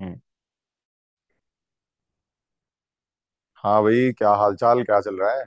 हम्म, हाँ भाई, क्या हालचाल, क्या चल रहा है।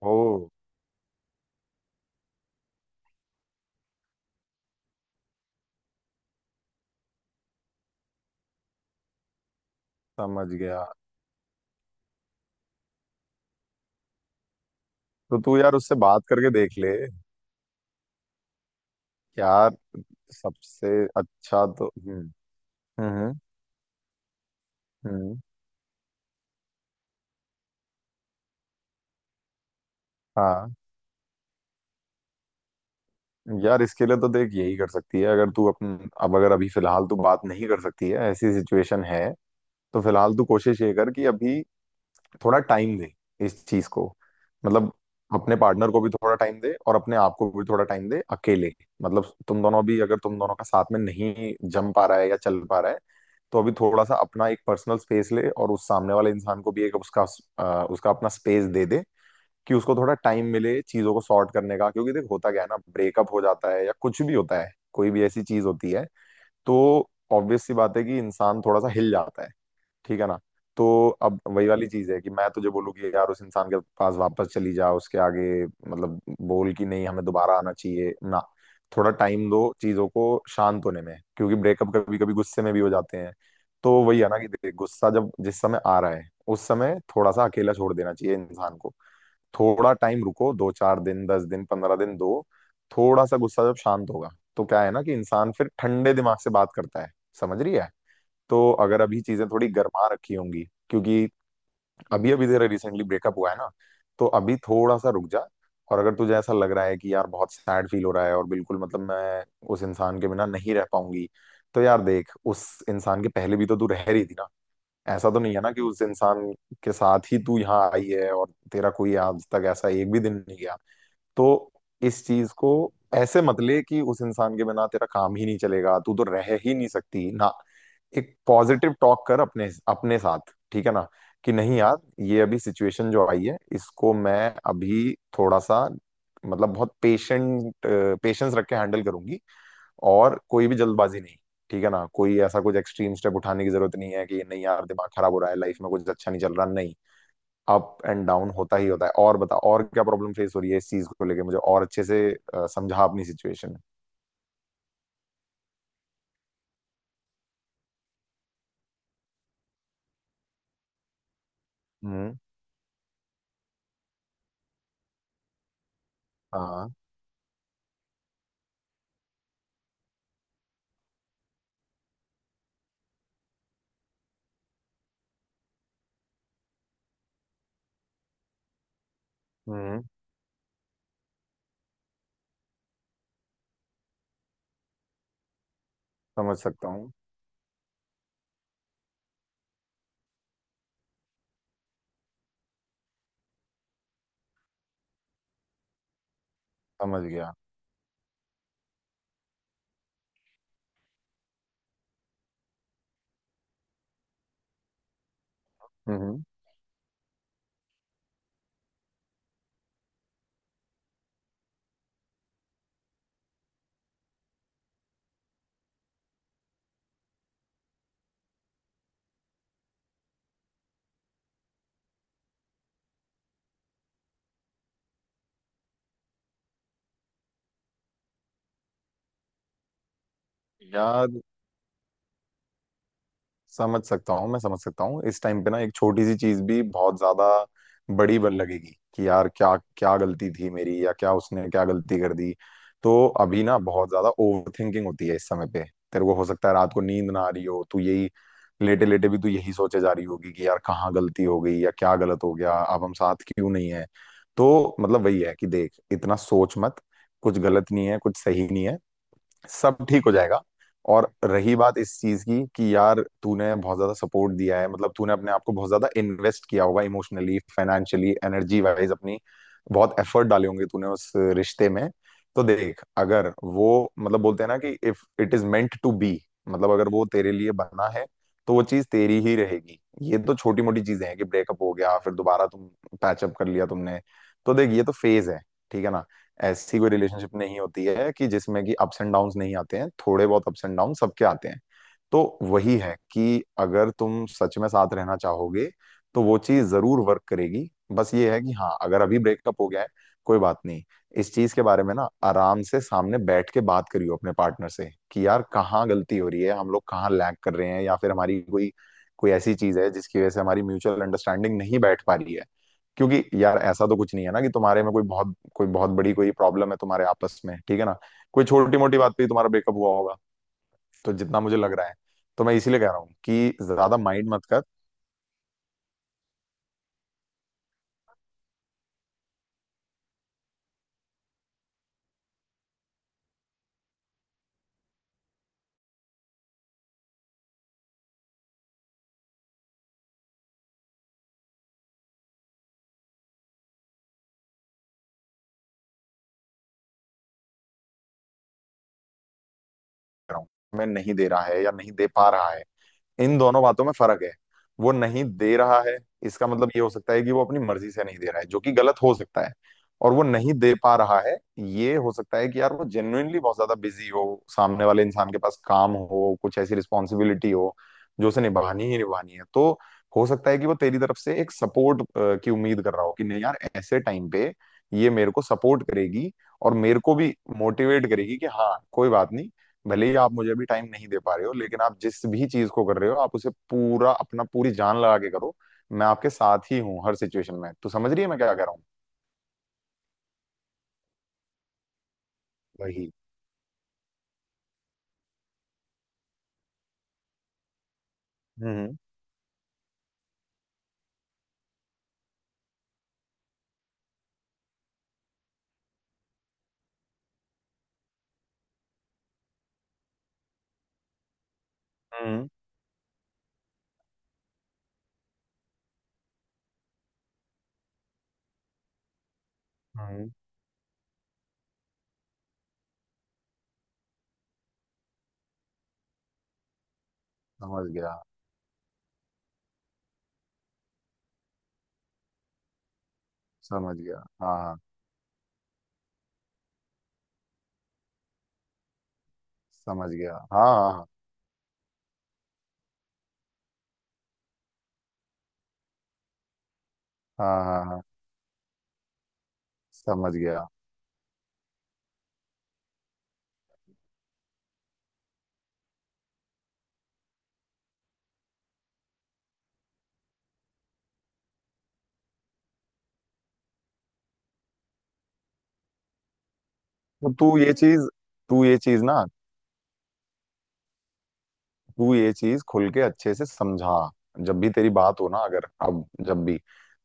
ओ। समझ गया। तो तू यार उससे बात करके देख ले। यार। सबसे अच्छा। तो हम्म। हम्म। हम्म। हाँ। यार, इसके लिए तो देख यही कर सकती है। अगर तू अपन अब अगर अभी फिलहाल तू बात नहीं कर सकती है, ऐसी सिचुएशन है, तो फिलहाल तू कोशिश ये कर कि अभी थोड़ा टाइम दे इस चीज को। मतलब अपने पार्टनर को भी थोड़ा टाइम दे और अपने आप को भी थोड़ा टाइम दे अकेले। मतलब तुम दोनों भी, अगर तुम दोनों का साथ में नहीं जम पा रहा है या चल पा रहा है, तो अभी थोड़ा सा अपना एक पर्सनल स्पेस ले और उस सामने वाले इंसान को भी एक उसका उसका अपना स्पेस दे दे, कि उसको थोड़ा टाइम मिले चीजों को सॉर्ट करने का। क्योंकि देख, होता क्या है ना, ब्रेकअप हो जाता है या कुछ भी होता है, कोई भी ऐसी चीज होती है तो ऑब्वियस सी बात है कि इंसान थोड़ा सा हिल जाता है। ठीक है ना। तो अब वही वाली चीज है कि मैं तुझे बोलूँ कि यार उस इंसान के पास वापस चली जा उसके आगे, मतलब बोल कि नहीं हमें दोबारा आना चाहिए ना। थोड़ा टाइम दो चीजों को शांत होने में, क्योंकि ब्रेकअप कभी कभी गुस्से में भी हो जाते हैं। तो वही है ना कि देख, गुस्सा जब जिस समय आ रहा है उस समय थोड़ा सा अकेला छोड़ देना चाहिए इंसान को। थोड़ा टाइम रुको, दो चार दिन, दस दिन, पंद्रह दिन दो। थोड़ा सा गुस्सा जब शांत होगा तो क्या है ना कि इंसान फिर ठंडे दिमाग से बात करता है। समझ रही है। तो अगर अभी चीजें थोड़ी गर्मा रखी होंगी, क्योंकि अभी अभी तेरा रिसेंटली ब्रेकअप हुआ है ना, तो अभी थोड़ा सा रुक जा। और अगर तुझे ऐसा लग रहा है कि यार बहुत सैड फील हो रहा है और बिल्कुल मतलब मैं उस इंसान के बिना नहीं रह पाऊंगी, तो यार देख, उस इंसान के पहले भी तो तू रह रही थी ना। ऐसा तो नहीं है ना कि उस इंसान के साथ ही तू यहाँ आई है और तेरा कोई आज तक ऐसा एक भी दिन नहीं गया। तो इस चीज को ऐसे मत ले कि उस इंसान के बिना तेरा काम ही नहीं चलेगा, तू तो रह ही नहीं सकती ना। एक पॉजिटिव टॉक कर अपने अपने साथ। ठीक है ना। कि नहीं यार, ये अभी सिचुएशन जो आई है, इसको मैं अभी थोड़ा सा, मतलब बहुत पेशेंट, पेशेंस रख के हैंडल करूंगी, और कोई भी जल्दबाजी नहीं। ठीक है ना। कोई ऐसा कुछ एक्सट्रीम स्टेप उठाने की जरूरत नहीं है कि नहीं यार दिमाग खराब हो रहा है, लाइफ में कुछ अच्छा नहीं चल रहा, नहीं। अप एंड डाउन होता ही होता है। और बता, और क्या प्रॉब्लम फेस हो रही है, इस चीज को लेके मुझे और अच्छे से समझा अपनी सिचुएशन। हम्म। हाँ। हम्म। समझ सकता हूँ। समझ गया। हम्म। यार, समझ सकता हूँ, मैं समझ सकता हूँ। इस टाइम पे ना एक छोटी सी चीज भी बहुत ज्यादा बड़ी बन लगेगी कि यार क्या क्या गलती थी मेरी या क्या उसने क्या गलती कर दी। तो अभी ना बहुत ज्यादा ओवर थिंकिंग होती है इस समय पे। तेरे को हो सकता है रात को नींद ना आ रही हो, तू यही लेटे लेटे भी तू यही सोचे जा रही होगी कि यार कहाँ गलती हो गई या क्या गलत हो गया, अब हम साथ क्यों नहीं है। तो मतलब वही है कि देख, इतना सोच मत। कुछ गलत नहीं है, कुछ सही नहीं है, सब ठीक हो जाएगा। और रही बात इस चीज की कि यार तूने बहुत ज्यादा सपोर्ट दिया है, मतलब तूने अपने आप को बहुत ज्यादा इन्वेस्ट किया होगा इमोशनली, फाइनेंशियली, एनर्जी वाइज अपनी, बहुत एफर्ट डाले होंगे तूने उस रिश्ते में। तो देख, अगर वो, मतलब बोलते हैं ना कि if it is meant to be, मतलब अगर वो तेरे लिए बना है तो वो चीज तेरी ही रहेगी। ये तो छोटी मोटी चीजें हैं कि ब्रेकअप हो गया, फिर दोबारा तुम पैचअप कर लिया तुमने। तो देख, ये तो फेज है। ठीक है ना। ऐसी कोई रिलेशनशिप नहीं होती है कि जिसमें कि अप्स एंड डाउन्स नहीं आते हैं, थोड़े बहुत अप्स एंड डाउन सबके आते हैं। तो वही है कि अगर तुम सच में साथ रहना चाहोगे तो वो चीज जरूर वर्क करेगी। बस ये है कि हाँ, अगर अभी ब्रेकअप हो गया है, कोई बात नहीं, इस चीज के बारे में ना आराम से सामने बैठ के बात करियो अपने पार्टनर से कि यार कहाँ गलती हो रही है, हम लोग कहाँ लैग कर रहे हैं, या फिर हमारी कोई कोई ऐसी चीज है जिसकी वजह से हमारी म्यूचुअल अंडरस्टैंडिंग नहीं बैठ पा रही है। क्योंकि यार ऐसा तो कुछ नहीं है ना कि तुम्हारे में कोई बहुत बड़ी कोई प्रॉब्लम है तुम्हारे आपस में। ठीक है ना। कोई छोटी मोटी बात पे ही तुम्हारा ब्रेकअप हुआ होगा, तो जितना मुझे लग रहा है, तो मैं इसीलिए कह रहा हूँ कि ज्यादा माइंड मत कर। कह रहा हूँ, मैं नहीं दे रहा है या नहीं दे पा रहा है, इन दोनों बातों में फर्क है। वो नहीं दे रहा है, इसका मतलब ये हो सकता है कि वो अपनी मर्जी से नहीं दे रहा है, जो कि गलत हो सकता है। और वो नहीं दे पा रहा है, ये हो सकता है कि यार वो जेन्युइनली बहुत ज्यादा बिजी हो, सामने वाले इंसान के पास काम हो, कुछ ऐसी रिस्पॉन्सिबिलिटी हो जो उसे निभानी ही निभानी है। तो हो सकता है कि वो तेरी तरफ से एक सपोर्ट की उम्मीद कर रहा हो कि नहीं यार, ऐसे टाइम पे ये मेरे को सपोर्ट करेगी और मेरे को भी मोटिवेट करेगी कि हाँ कोई बात नहीं, भले ही आप मुझे भी टाइम नहीं दे पा रहे हो, लेकिन आप जिस भी चीज को कर रहे हो आप उसे पूरा अपना, पूरी जान लगा के करो, मैं आपके साथ ही हूँ हर सिचुएशन में। तू समझ रही है मैं क्या कह रहा हूँ। वही। हम्म। हम्म। हम्म। समझ गया। समझ गया। हाँ हाँ। समझ गया। हाँ हाँ हाँ हाँ हाँ। समझ गया। तो तू ये चीज, तू ये चीज ना तू ये चीज खुल के अच्छे से समझा। जब भी तेरी बात हो ना, अगर अब जब भी,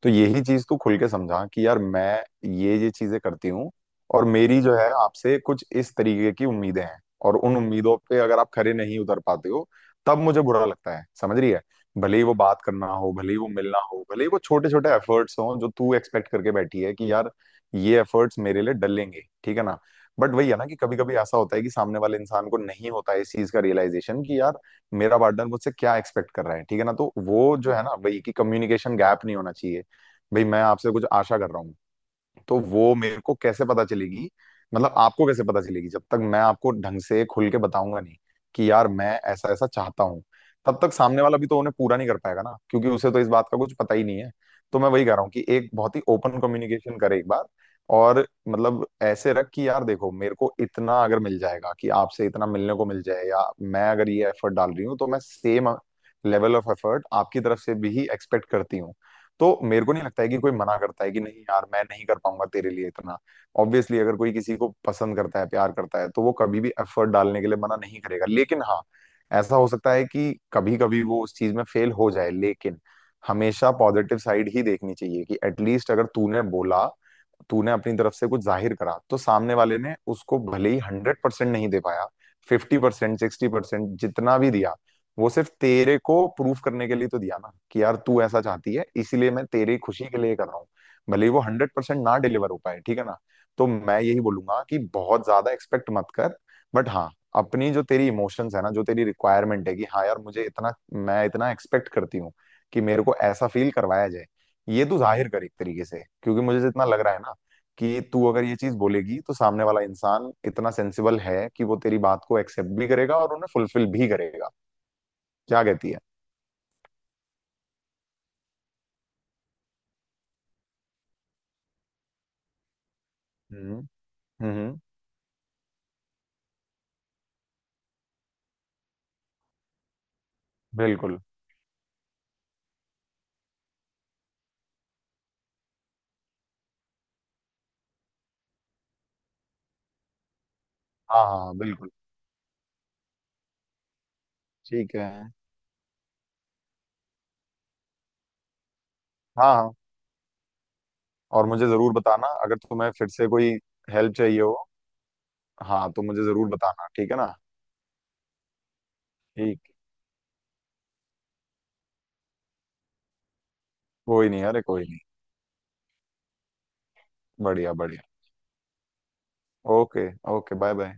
तो यही चीज तू खुल के समझा कि यार मैं ये चीजें करती हूँ, और मेरी जो है आपसे कुछ इस तरीके की उम्मीदें हैं, और उन उम्मीदों पे अगर आप खरे नहीं उतर पाते हो तब मुझे बुरा लगता है। समझ रही है। भले ही वो बात करना हो, भले ही वो मिलना हो, भले ही वो छोटे छोटे एफर्ट्स हों जो तू एक्सपेक्ट करके बैठी है कि यार ये एफर्ट्स मेरे लिए डलेंगे। ठीक है ना। बट वही है ना कि कभी कभी ऐसा होता है कि सामने वाले इंसान को नहीं होता है इस चीज का रियलाइजेशन कि यार मेरा पार्टनर मुझसे क्या एक्सपेक्ट कर रहा है। ठीक है ना। तो वो जो है ना भाई, कि कम्युनिकेशन गैप नहीं होना चाहिए। भाई, मैं आपसे कुछ आशा कर रहा हूँ, तो वो मेरे को कैसे पता चलेगी, मतलब आपको कैसे पता चलेगी जब तक मैं आपको ढंग से खुल के बताऊंगा नहीं कि यार मैं ऐसा ऐसा चाहता हूँ। तब तक सामने वाला भी तो उन्हें पूरा नहीं कर पाएगा ना, क्योंकि उसे तो इस बात का कुछ पता ही नहीं है। तो मैं वही कह रहा हूँ कि एक बहुत ही ओपन कम्युनिकेशन करे एक बार। और मतलब ऐसे रख कि यार देखो, मेरे को इतना अगर मिल जाएगा कि आपसे इतना मिलने को मिल जाए, या मैं अगर ये एफर्ट डाल रही हूँ तो मैं सेम लेवल ऑफ एफर्ट आपकी तरफ से भी ही एक्सपेक्ट करती हूँ। तो मेरे को नहीं लगता है कि कोई मना करता है कि नहीं यार मैं नहीं कर पाऊंगा तेरे लिए इतना। ऑब्वियसली, अगर कोई किसी को पसंद करता है, प्यार करता है, तो वो कभी भी एफर्ट डालने के लिए मना नहीं करेगा। लेकिन हाँ, ऐसा हो सकता है कि कभी कभी वो उस चीज में फेल हो जाए, लेकिन हमेशा पॉजिटिव साइड ही देखनी चाहिए कि एटलीस्ट अगर तूने बोला, तूने अपनी तरफ से कुछ जाहिर करा, तो सामने वाले ने उसको भले ही हंड्रेड परसेंट नहीं दे पाया, फिफ्टी परसेंट, सिक्सटी परसेंट जितना भी दिया, वो सिर्फ तेरे को प्रूफ करने के लिए तो दिया ना कि यार तू ऐसा चाहती है, इसीलिए मैं तेरी खुशी के लिए कर रहा हूँ, भले ही वो हंड्रेड परसेंट ना डिलीवर हो पाए। ठीक है ना। तो मैं यही बोलूंगा कि बहुत ज्यादा एक्सपेक्ट मत कर। बट हाँ, अपनी जो तेरी इमोशंस है ना, जो तेरी रिक्वायरमेंट है कि हाँ यार मुझे इतना, मैं इतना एक्सपेक्ट करती हूँ कि मेरे को ऐसा फील करवाया जाए, ये तू जाहिर कर एक तरीके से। क्योंकि मुझे जितना लग रहा है ना, कि तू अगर ये चीज बोलेगी तो सामने वाला इंसान इतना सेंसिबल है कि वो तेरी बात को एक्सेप्ट भी करेगा और उन्हें फुलफिल भी करेगा। क्या कहती है। हम्म हम्म। बिल्कुल। हाँ हाँ हाँ, बिल्कुल। ठीक है। हाँ हाँ। और मुझे जरूर बताना अगर तुम्हें फिर से कोई हेल्प चाहिए हो। हाँ, तो मुझे जरूर बताना। ठीक है ना। ठीक। कोई नहीं, अरे कोई नहीं। बढ़िया बढ़िया। ओके। Okay, bye bye.